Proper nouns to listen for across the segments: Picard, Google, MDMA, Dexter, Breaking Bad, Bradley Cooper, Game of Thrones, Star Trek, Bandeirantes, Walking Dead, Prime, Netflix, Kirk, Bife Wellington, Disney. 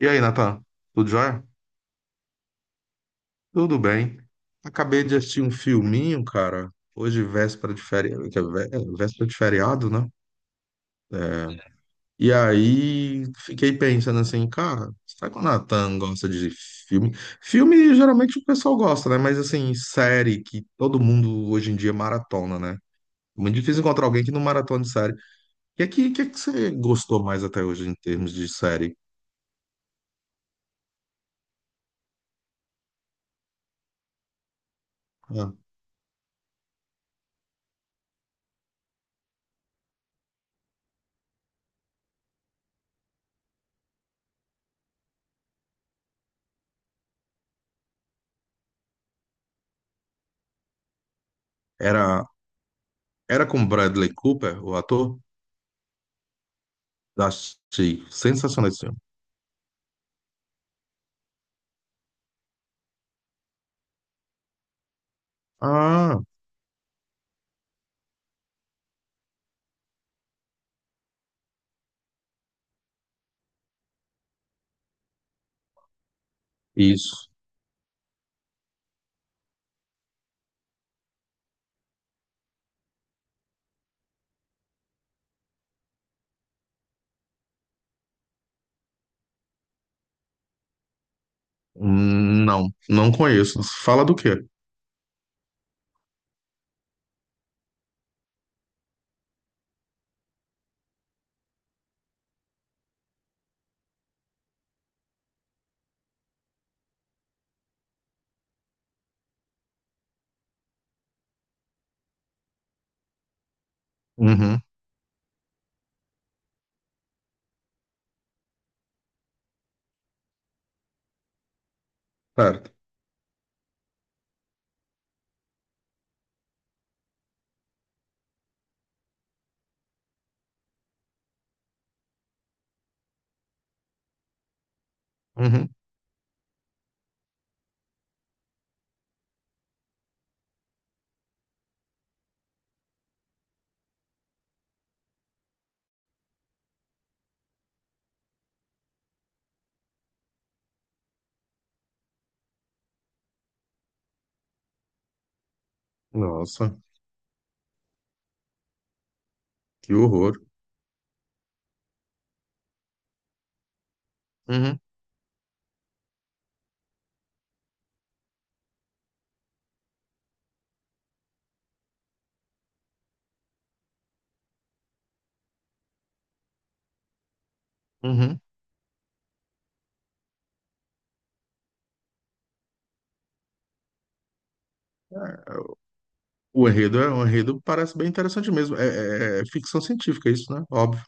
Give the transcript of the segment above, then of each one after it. E aí, Natan? Tudo jóia? Tudo bem. Acabei de assistir um filminho, cara. Hoje, véspera de feriado, que é véspera de feriado, né? É. E aí, fiquei pensando assim, cara, será que o Natan gosta de filme? Filme, geralmente, o pessoal gosta, né? Mas, assim, série que todo mundo, hoje em dia, maratona, né? É muito difícil encontrar alguém que não maratona de série. E aqui, o que é que você gostou mais até hoje em termos de série? Ah. Era, era com Bradley Cooper, o ator? Achei sensacional esse filme. Ah, isso. Não, não conheço. Fala do quê? Uhum. Certo. Uhum. Nossa, que horror. Uhum. Uhum. É. O enredo, é, o enredo parece bem interessante mesmo. É ficção científica é isso, né? Óbvio.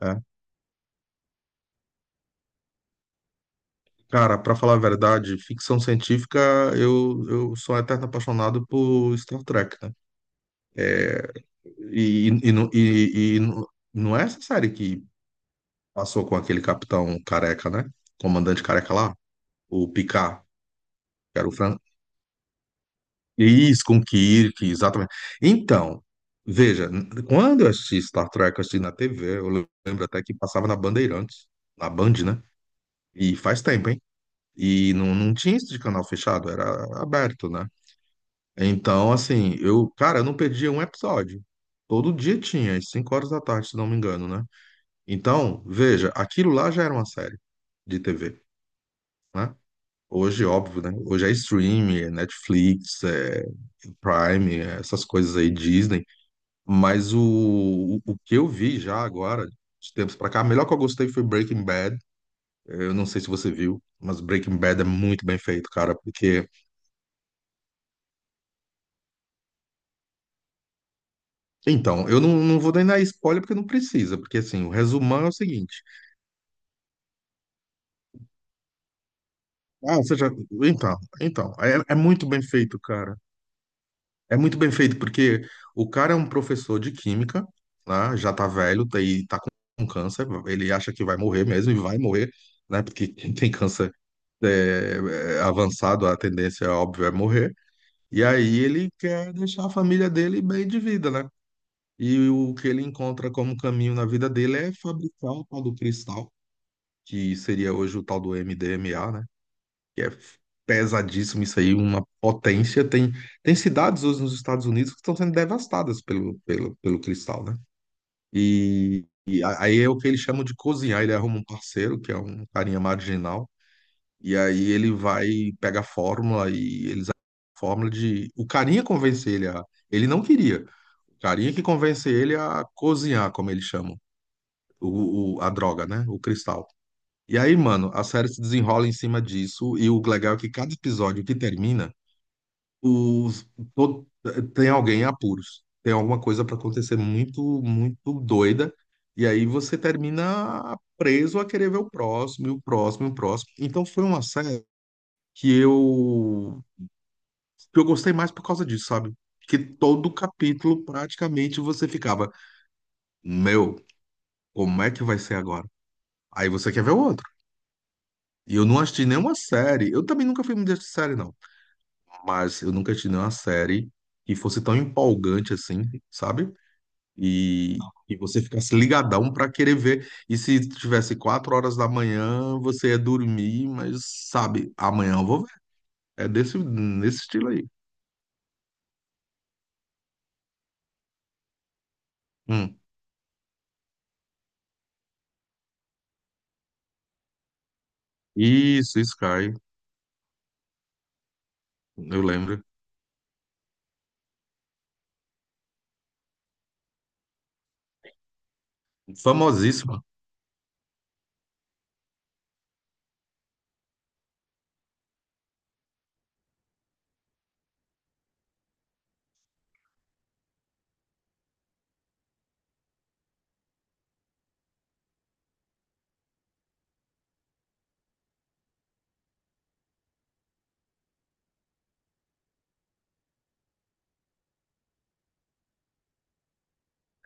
É. Cara, pra falar a verdade, ficção científica, eu sou um eterno apaixonado por Star Trek, né? É. Não não é essa série que passou com aquele capitão careca, né? Comandante careca lá? O Picard, que era o Fran... Isso, com o Kirk, exatamente. Então, veja, quando eu assisti Star Trek, eu assisti na TV, eu lembro até que passava na Bandeirantes, na Band, né? E faz tempo, hein? E não, não tinha isso de canal fechado, era aberto, né? Então, assim, eu, cara, eu não perdia um episódio. Todo dia tinha, às 5 horas da tarde, se não me engano, né? Então, veja, aquilo lá já era uma série de TV, né? Hoje, óbvio, né? Hoje é streaming, é Netflix, é Prime, é essas coisas aí, Disney. Mas o que eu vi já agora, de tempos pra cá, a melhor que eu gostei foi Breaking Bad. Eu não sei se você viu, mas Breaking Bad é muito bem feito, cara. Porque. Então, eu não, não vou nem dar spoiler porque não precisa. Porque, assim, o resumão é o seguinte. Ah, você já. Então, então. É, é muito bem feito, cara. É muito bem feito, porque o cara é um professor de química, né? Já tá velho, tá, e tá com câncer, ele acha que vai morrer mesmo, e vai morrer, né? Porque quem tem câncer é, é avançado, a tendência, óbvio, é morrer. E aí ele quer deixar a família dele bem de vida, né? E o que ele encontra como caminho na vida dele é fabricar o tal do cristal, que seria hoje o tal do MDMA, né? Que é pesadíssimo isso aí, uma potência. Tem, tem cidades hoje nos Estados Unidos que estão sendo devastadas pelo cristal, né? E, aí é o que eles chamam de cozinhar. Ele arruma um parceiro, que é um carinha marginal, e aí ele vai pega a fórmula e eles a fórmula de o carinha convence ele a ele não queria. O carinha que convence ele a cozinhar, como eles chamam, a droga, né? O cristal. E aí, mano, a série se desenrola em cima disso, e o legal é que cada episódio que termina os, to- tem alguém em apuros, tem alguma coisa para acontecer muito, muito doida, e aí você termina preso a querer ver o próximo, e o próximo, e o próximo. Então foi uma série que eu, que eu gostei mais por causa disso, sabe? Que todo capítulo praticamente você ficava, meu, como é que vai ser agora? Aí você quer ver o outro. E eu não assisti nenhuma série. Eu também nunca fui muito de série, não. Mas eu nunca assisti nenhuma série que fosse tão empolgante assim, sabe? E, e você ficasse ligadão para querer ver. E se tivesse 4 horas da manhã, você ia dormir, mas sabe, amanhã eu vou ver. É desse, nesse estilo aí. Hum. Isso, Sky, eu lembro. Famosíssima.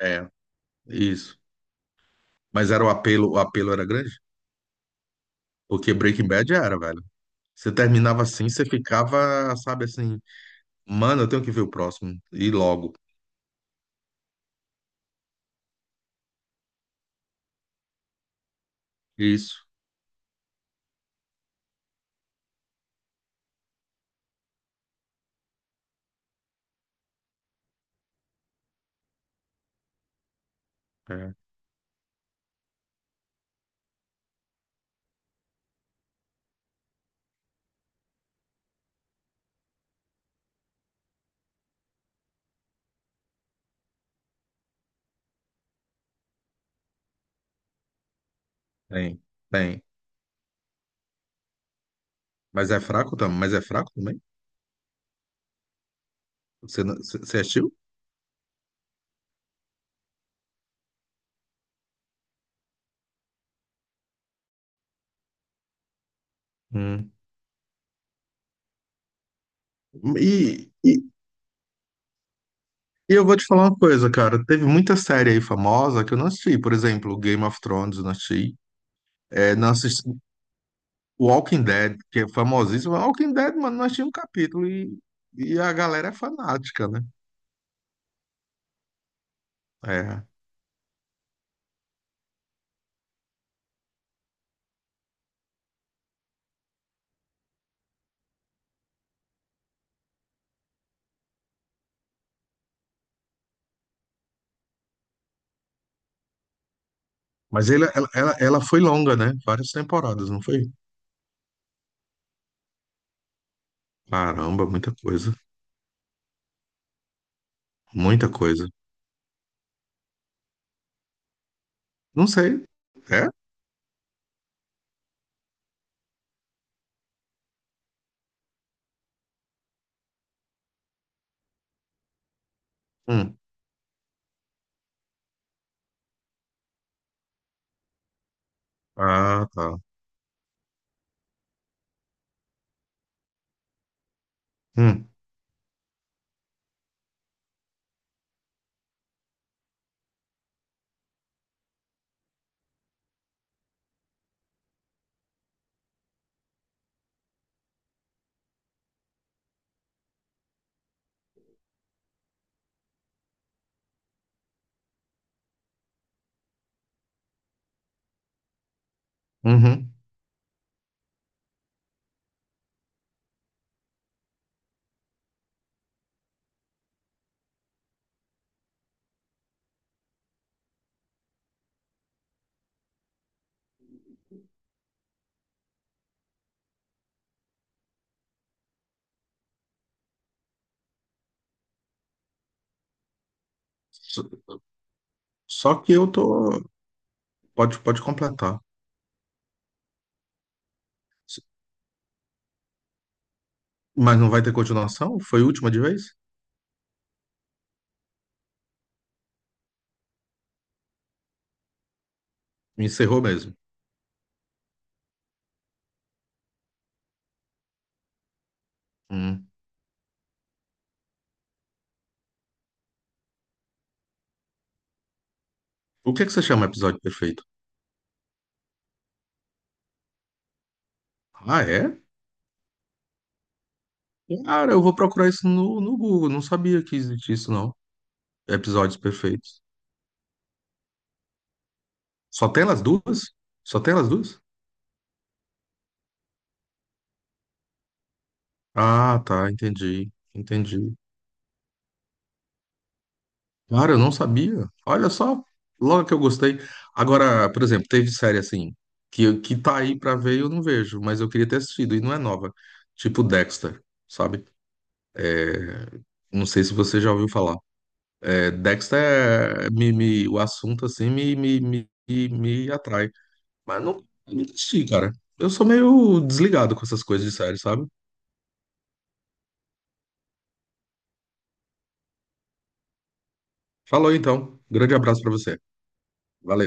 É, isso. Mas era o apelo era grande? Porque Breaking Bad era, velho. Você terminava assim, você ficava, sabe assim, mano, eu tenho que ver o próximo. E logo. Isso. É. Tem, tem. Mas é fraco também. Mas é fraco também? Você, não- você você assistiu? Hum. E, e eu vou te falar uma coisa, cara. Teve muita série aí famosa que eu não assisti. Por exemplo, Game of Thrones, eu não assisti. É, não assisti Walking Dead, que é famosíssimo. Walking Dead, mano, não assisti um capítulo. E a galera é fanática, né? É. Mas ela foi longa, né? Várias temporadas, não foi? Caramba, muita coisa. Muita coisa. Não sei. É? Hum. Ah, tá. Hum. Uhum. Só só que eu tô. Pode completar. Mas não vai ter continuação? Foi a última de vez? Encerrou mesmo. Hum. O que é que você chama episódio perfeito? Ah, é? Cara, eu vou procurar isso no Google. Não sabia que existia isso, não. Episódios perfeitos. Só tem elas duas? Só tem elas duas? Ah, tá. Entendi. Entendi. Cara, eu não sabia. Olha só. Logo que eu gostei. Agora, por exemplo, teve série assim, que tá aí pra ver e eu não vejo, mas eu queria ter assistido e não é nova. Tipo Dexter, sabe? Não sei se você já ouviu falar. É, Dexter o assunto assim me atrai. Mas não não assisti, cara. Eu sou meio desligado com essas coisas de série, sabe? Falou então. Grande abraço pra você. Valeu.